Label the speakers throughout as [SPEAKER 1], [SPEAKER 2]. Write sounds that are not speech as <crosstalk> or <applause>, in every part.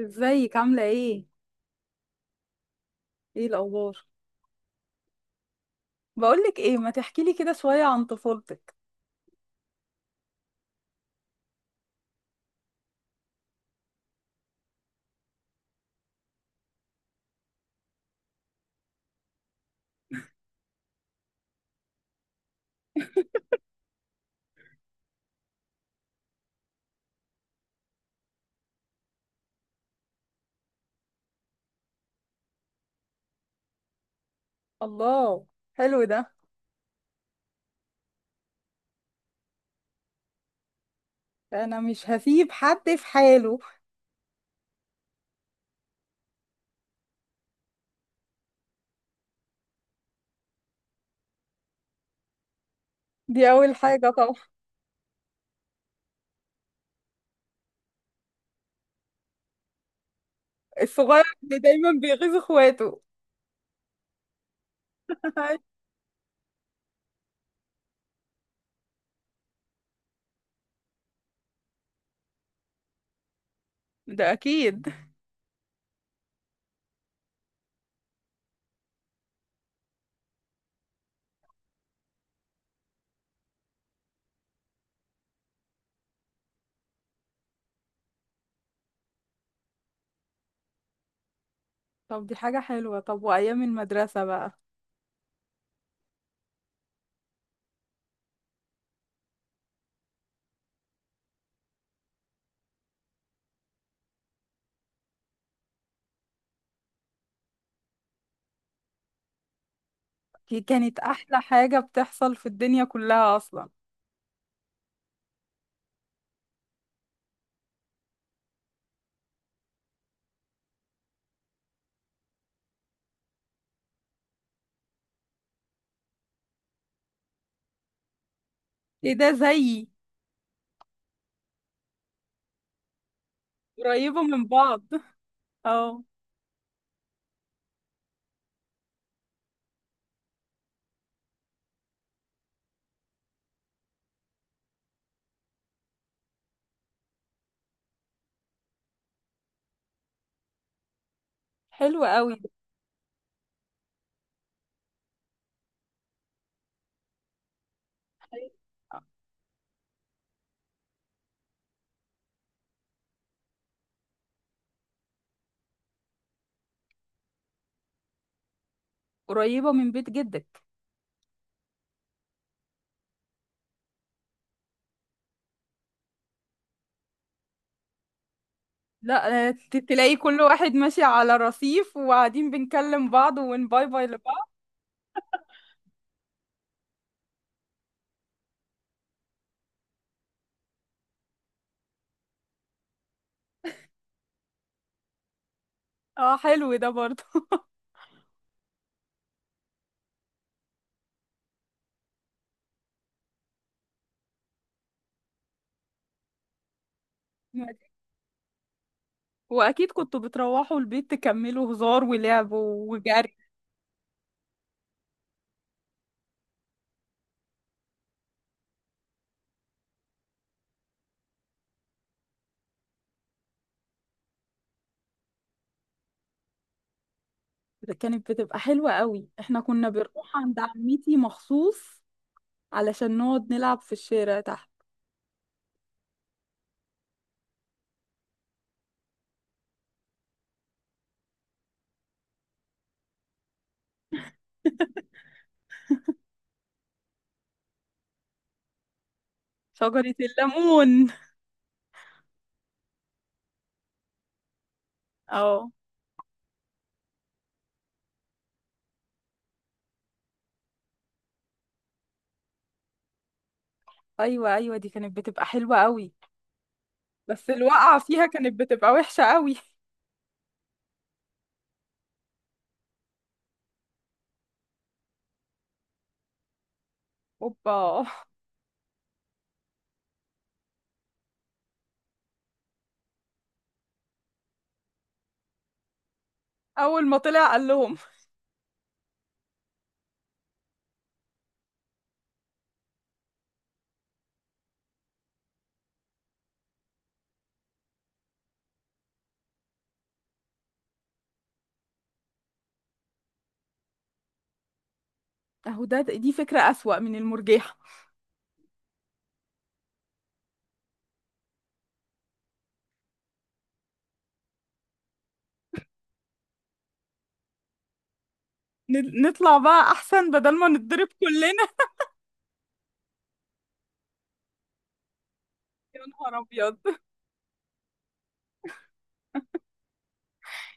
[SPEAKER 1] ازيك عاملة ايه؟ ايه الأخبار؟ بقولك ايه، ما تحكيلي كده شوية عن طفولتك. الله، حلو ده. انا مش هسيب حد في حاله. دي أول حاجة طبعا. الصغير اللي دايما بيغيظ اخواته. <laughs> ده اكيد. طب دي حاجة حلوة، طب وأيام المدرسة بقى؟ دي كانت أحلى حاجة بتحصل في الدنيا كلها أصلا. ايه ده، زيي. قريبة من بعض. اه، حلو قوي. <laughs> قريبة من بيت جدك. لا، تلاقي كل واحد ماشي على رصيف وقاعدين بنكلم بعض ونباي باي لبعض. اه حلو ده برضه. <laughs> واكيد كنتوا بتروحوا البيت تكملوا هزار ولعب وجري. ده كانت بتبقى حلوة قوي، احنا كنا بنروح عند عمتي مخصوص علشان نقعد نلعب في الشارع تحت شجرة الليمون. اه، ايوه ايوه، دي كانت بتبقى حلوة قوي. بس الوقعة فيها كانت بتبقى وحشة قوي. اوبا. اول ما طلع قال لهم؟ اهو ده، دي فكرة أسوأ من المرجحة. نطلع بقى احسن بدل ما نتضرب كلنا. <laughs> يا نهار ابيض.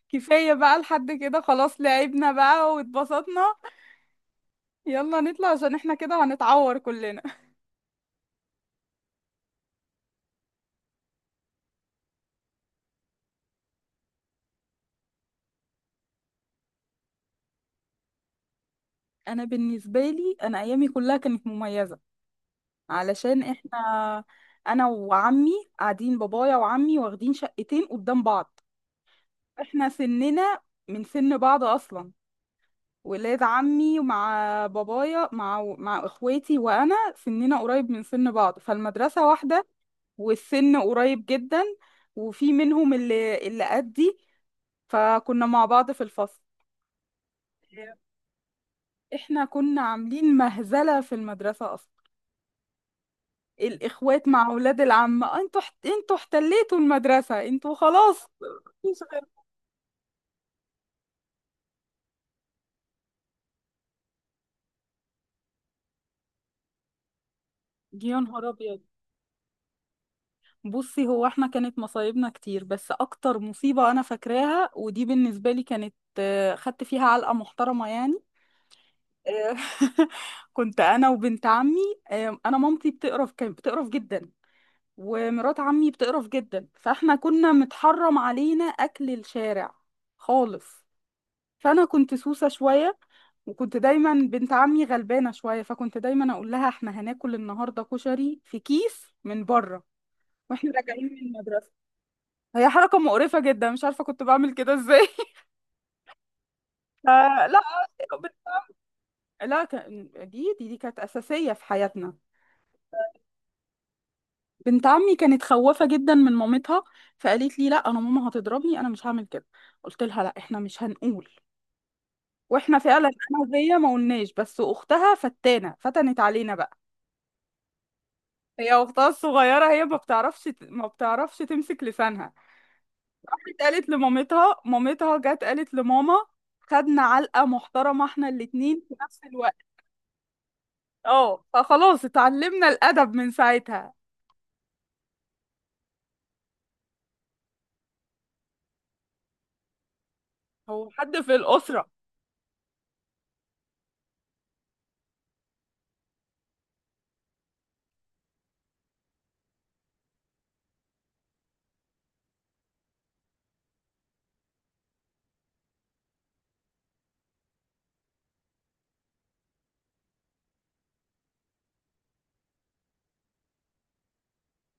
[SPEAKER 1] كفاية بقى لحد كده، خلاص لعبنا بقى واتبسطنا. يلا نطلع عشان احنا كده هنتعور كلنا. انا بالنسبة لي، انا ايامي كلها كانت مميزة علشان احنا انا وعمي قاعدين، بابايا وعمي واخدين شقتين قدام بعض. احنا سننا من سن بعض اصلا. ولاد عمي مع بابايا، مع اخواتي وانا سننا قريب من سن بعض، فالمدرسة واحدة. والسن قريب جدا. وفي منهم اللي قدي. فكنا مع بعض في الفصل. احنا كنا عاملين مهزلة في المدرسة اصلا. الاخوات مع اولاد العم، انتوا انتوا احتليتوا المدرسة، انتوا خلاص. مفيش غير-. يا نهار ابيض. بصي، هو احنا كانت مصايبنا كتير، بس اكتر مصيبة انا فاكراها ودي بالنسبة لي كانت، خدت فيها علقة محترمة يعني. آه، <laughs> كنت انا وبنت عمي. انا مامتي بتقرف، كانت بتقرف جدا. ومرات عمي بتقرف جدا، فاحنا كنا متحرم علينا اكل الشارع خالص. فانا كنت سوسة شوية. وكنت دايما بنت عمي غلبانة شوية، فكنت دايما اقول لها احنا هناكل النهاردة كشري في كيس من بره، واحنا راجعين من المدرسة. هي حركة مقرفة جدا، مش عارفة كنت بعمل كده ازاي. <laughs> فلا لا. لا، دي كانت أساسية في حياتنا. بنت عمي كانت خوافة جدا من مامتها، فقالت لي لا انا ماما هتضربني، انا مش هعمل كده. قلت لها لا، احنا مش هنقول. واحنا فعلا انا وهي ما قلناش، بس اختها فتانة فتنت علينا بقى. هي اختها الصغيرة، هي ما بتعرفش تمسك لسانها. راحت قالت لمامتها، مامتها جت قالت لماما. خدنا علقة محترمة احنا الاتنين في نفس الوقت. اه، فخلاص اتعلمنا الادب من ساعتها. هو حد في الاسرة؟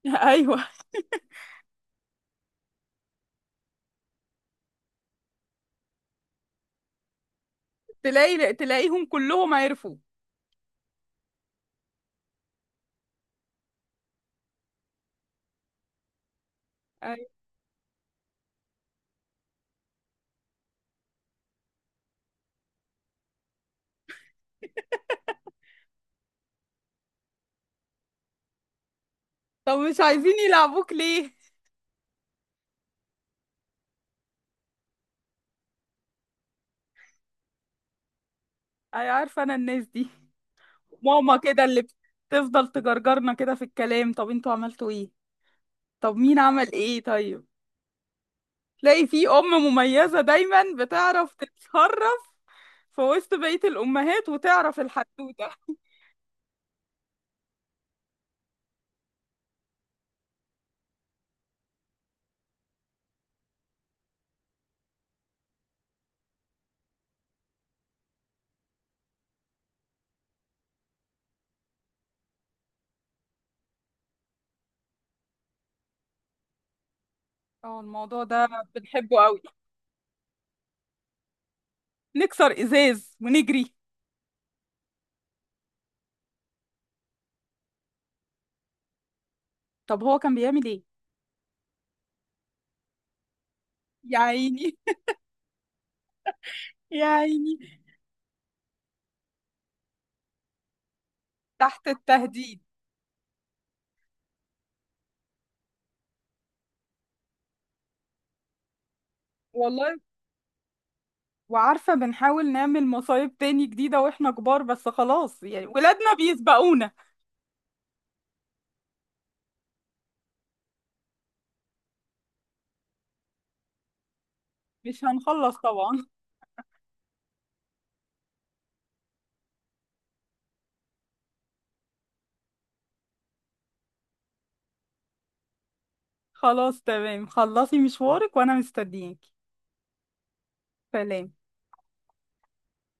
[SPEAKER 1] <laughs> ايوه، تلاقيهم كلهم عرفوا. طب مش عايزين يلعبوك ليه؟ اي، عارفه انا الناس دي. ماما كده، اللي بتفضل تجرجرنا كده في الكلام، طب انتوا عملتوا ايه؟ طب مين عمل ايه؟ طيب. تلاقي في ام مميزه دايما بتعرف تتصرف في وسط بقيه الامهات وتعرف الحدوته. اه، الموضوع ده بنحبه قوي. نكسر ازاز ونجري. طب هو كان بيعمل ايه؟ يا عيني. <laughs> يا عيني. تحت التهديد. والله. وعارفة، بنحاول نعمل مصايب تاني جديدة واحنا كبار بس خلاص، يعني ولادنا بيسبقونا. مش هنخلص طبعا. خلاص تمام، خلصي مشوارك وانا مستنياكي. سلام.